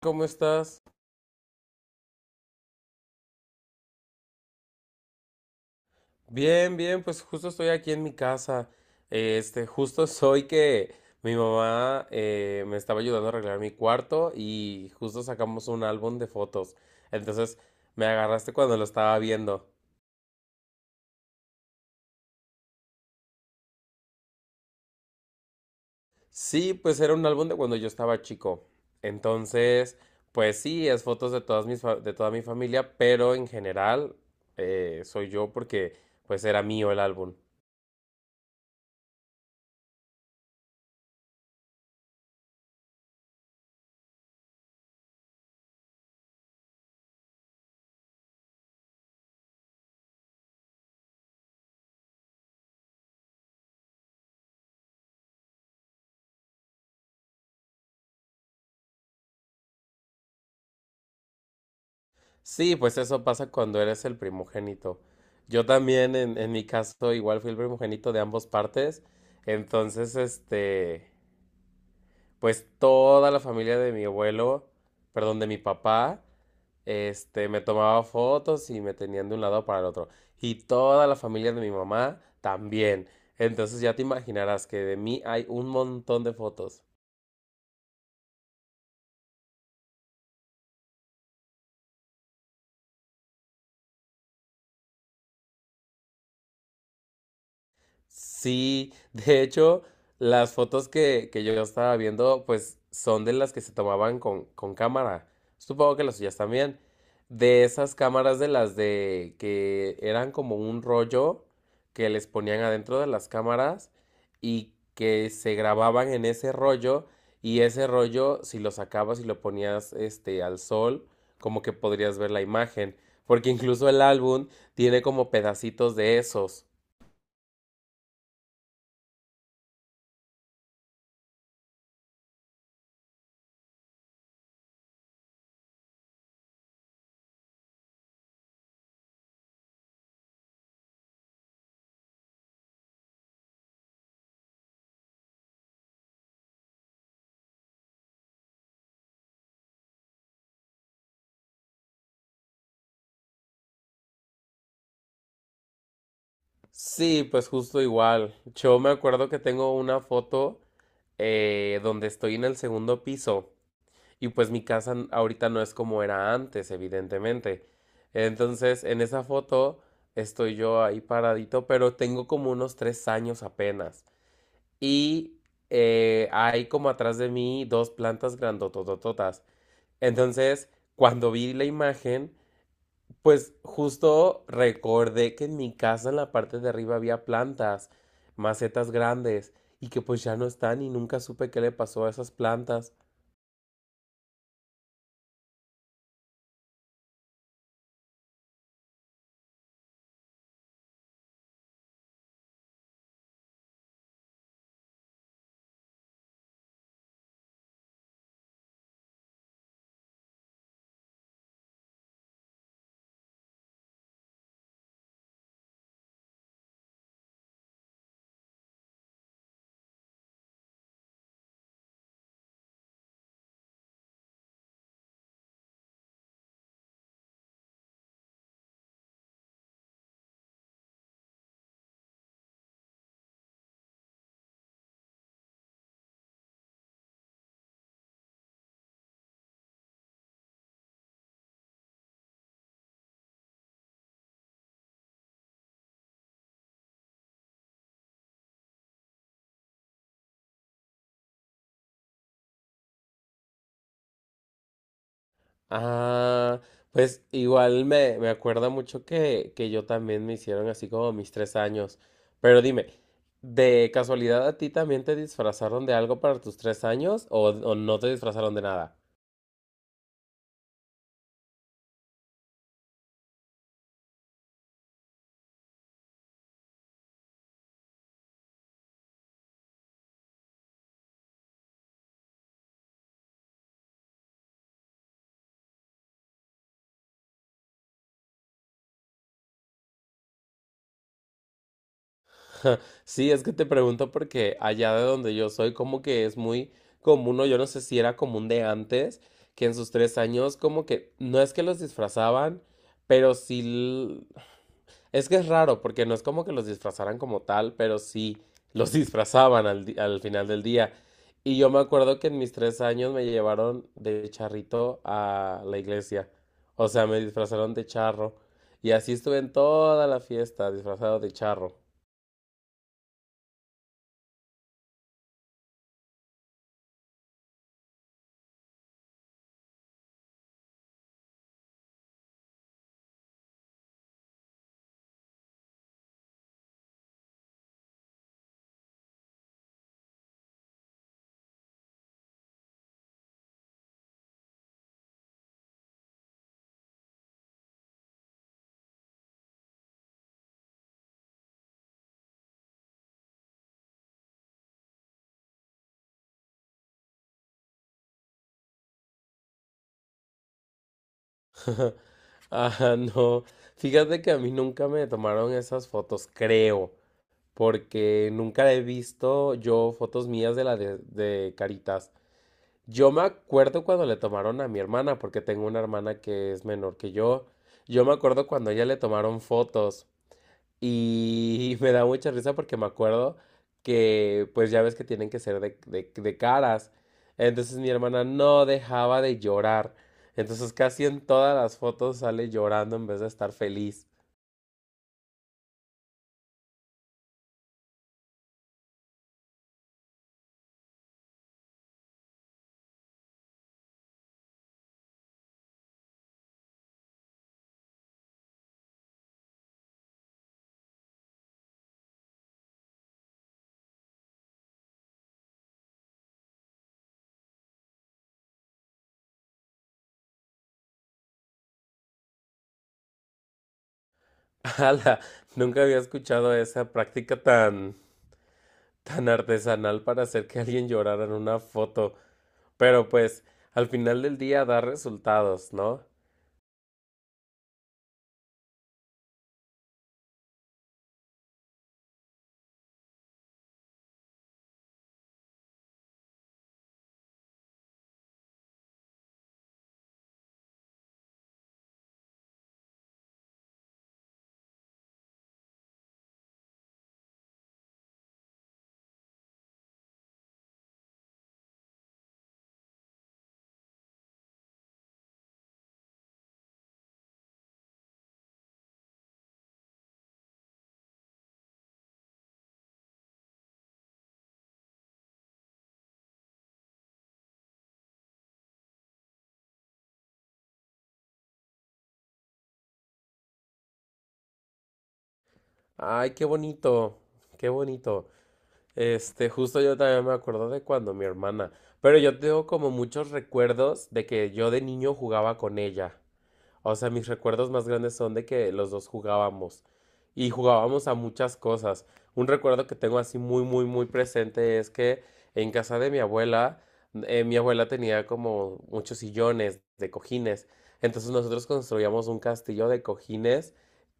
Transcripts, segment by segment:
¿Cómo estás? Bien, bien, pues justo estoy aquí en mi casa. Justo soy que mi mamá me estaba ayudando a arreglar mi cuarto y justo sacamos un álbum de fotos. Entonces me agarraste cuando lo estaba viendo. Sí, pues era un álbum de cuando yo estaba chico. Entonces, pues sí, es fotos de todas de toda mi familia, pero en general soy yo porque pues era mío el álbum. Sí, pues eso pasa cuando eres el primogénito. Yo también, en mi caso, igual fui el primogénito de ambas partes. Entonces, pues toda la familia de mi abuelo, perdón, de mi papá, me tomaba fotos y me tenían de un lado para el otro. Y toda la familia de mi mamá también. Entonces ya te imaginarás que de mí hay un montón de fotos. Sí, de hecho, las fotos que yo estaba viendo, pues son de las que se tomaban con cámara. Supongo que las suyas también. De esas cámaras de las de que eran como un rollo que les ponían adentro de las cámaras y que se grababan en ese rollo y ese rollo, si lo sacabas y lo ponías este al sol, como que podrías ver la imagen, porque incluso el álbum tiene como pedacitos de esos. Sí, pues justo igual. Yo me acuerdo que tengo una foto donde estoy en el segundo piso y pues mi ahorita no es como era antes, evidentemente. Entonces, en esa foto estoy yo ahí paradito, pero tengo como unos 3 años apenas. Y hay como atrás de mí dos plantas grandototototas. Entonces, cuando vi la imagen, pues justo recordé que en mi casa en la parte de arriba había plantas, macetas grandes, y que pues ya no están y nunca supe qué le pasó a esas plantas. Ah, pues igual me acuerda mucho que yo también me hicieron así como mis 3 años. Pero dime, ¿de casualidad a ti también te disfrazaron de algo para tus 3 años o no te disfrazaron de nada? Sí, es que te pregunto porque allá de donde yo soy, como que es muy común, o yo no sé si era común de antes, que en sus 3 años, como que no es que los disfrazaban, pero sí. Es que es raro, porque no es como que los disfrazaran como tal, pero sí los disfrazaban al final del día. Y yo me acuerdo que en mis 3 años me llevaron de charrito a la iglesia. O sea, me disfrazaron de charro. Y así estuve en toda la fiesta, disfrazado de charro. Ah, no. Fíjate que a mí nunca me tomaron esas fotos, creo, porque nunca he visto yo fotos mías de de Caritas. Yo me acuerdo cuando le tomaron a mi hermana, porque tengo una hermana que es menor que yo. Yo me acuerdo cuando a ella le tomaron fotos. Y me da mucha risa porque me acuerdo que, pues ya ves que tienen que ser de caras. Entonces mi hermana no dejaba de llorar. Entonces casi en todas las fotos sale llorando en vez de estar feliz. ¡Hala! Nunca había escuchado esa práctica tan, tan artesanal para hacer que alguien llorara en una foto. Pero pues al final del día da resultados, ¿no? ¡Ay, qué bonito! ¡Qué bonito! Justo yo también me acuerdo de cuando mi hermana, pero yo tengo como muchos recuerdos de que yo de niño jugaba con ella. O sea, mis recuerdos más grandes son de que los dos jugábamos y jugábamos a muchas cosas. Un recuerdo que tengo así muy, muy, muy presente es que en casa de mi abuela tenía como muchos sillones de cojines. Entonces nosotros construíamos un castillo de cojines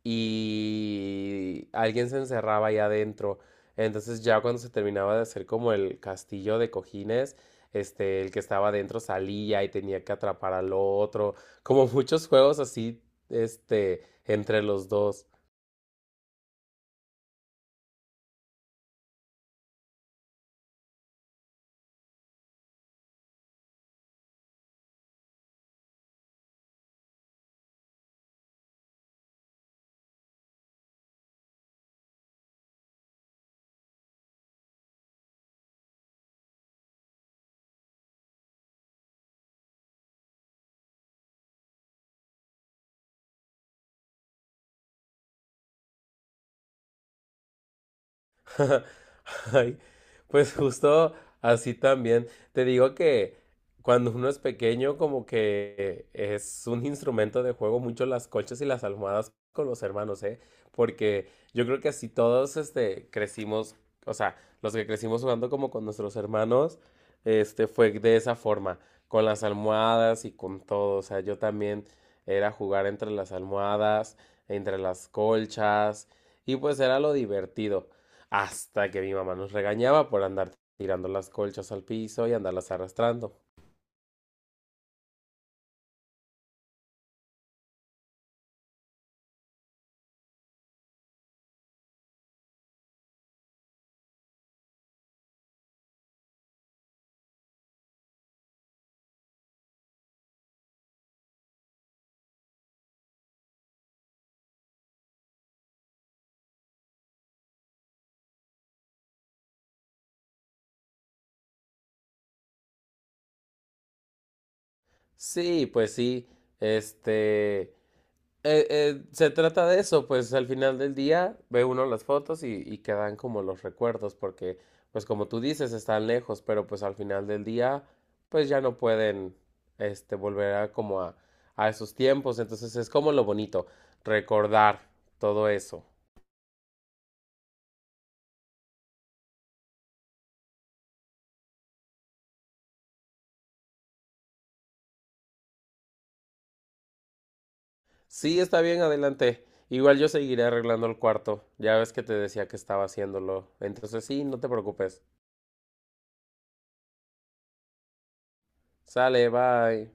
y alguien se encerraba ahí adentro. Entonces ya cuando se terminaba de hacer como el castillo de cojines, el que estaba adentro salía y tenía que atrapar al otro como muchos juegos así, entre los dos. Ay, pues justo así también. Te digo que cuando uno es pequeño, como que es un instrumento de juego mucho las colchas y las almohadas con los hermanos, ¿eh? Porque yo creo que así todos, crecimos, o sea, los que crecimos jugando como con nuestros hermanos, fue de esa forma, con las almohadas y con todo. O sea, yo también era jugar entre las almohadas, entre las colchas, y pues era lo divertido. Hasta que mi mamá nos regañaba por andar tirando las colchas al piso y andarlas arrastrando. Sí, pues sí, este, eh, se trata de eso, pues al final del día ve uno las fotos y quedan como los recuerdos, porque pues como tú dices, están lejos, pero pues al final del día pues ya no pueden, volver a a esos tiempos, entonces es como lo bonito, recordar todo eso. Sí, está bien, adelante. Igual yo seguiré arreglando el cuarto. Ya ves que te decía que estaba haciéndolo. Entonces sí, no te preocupes. Sale, bye.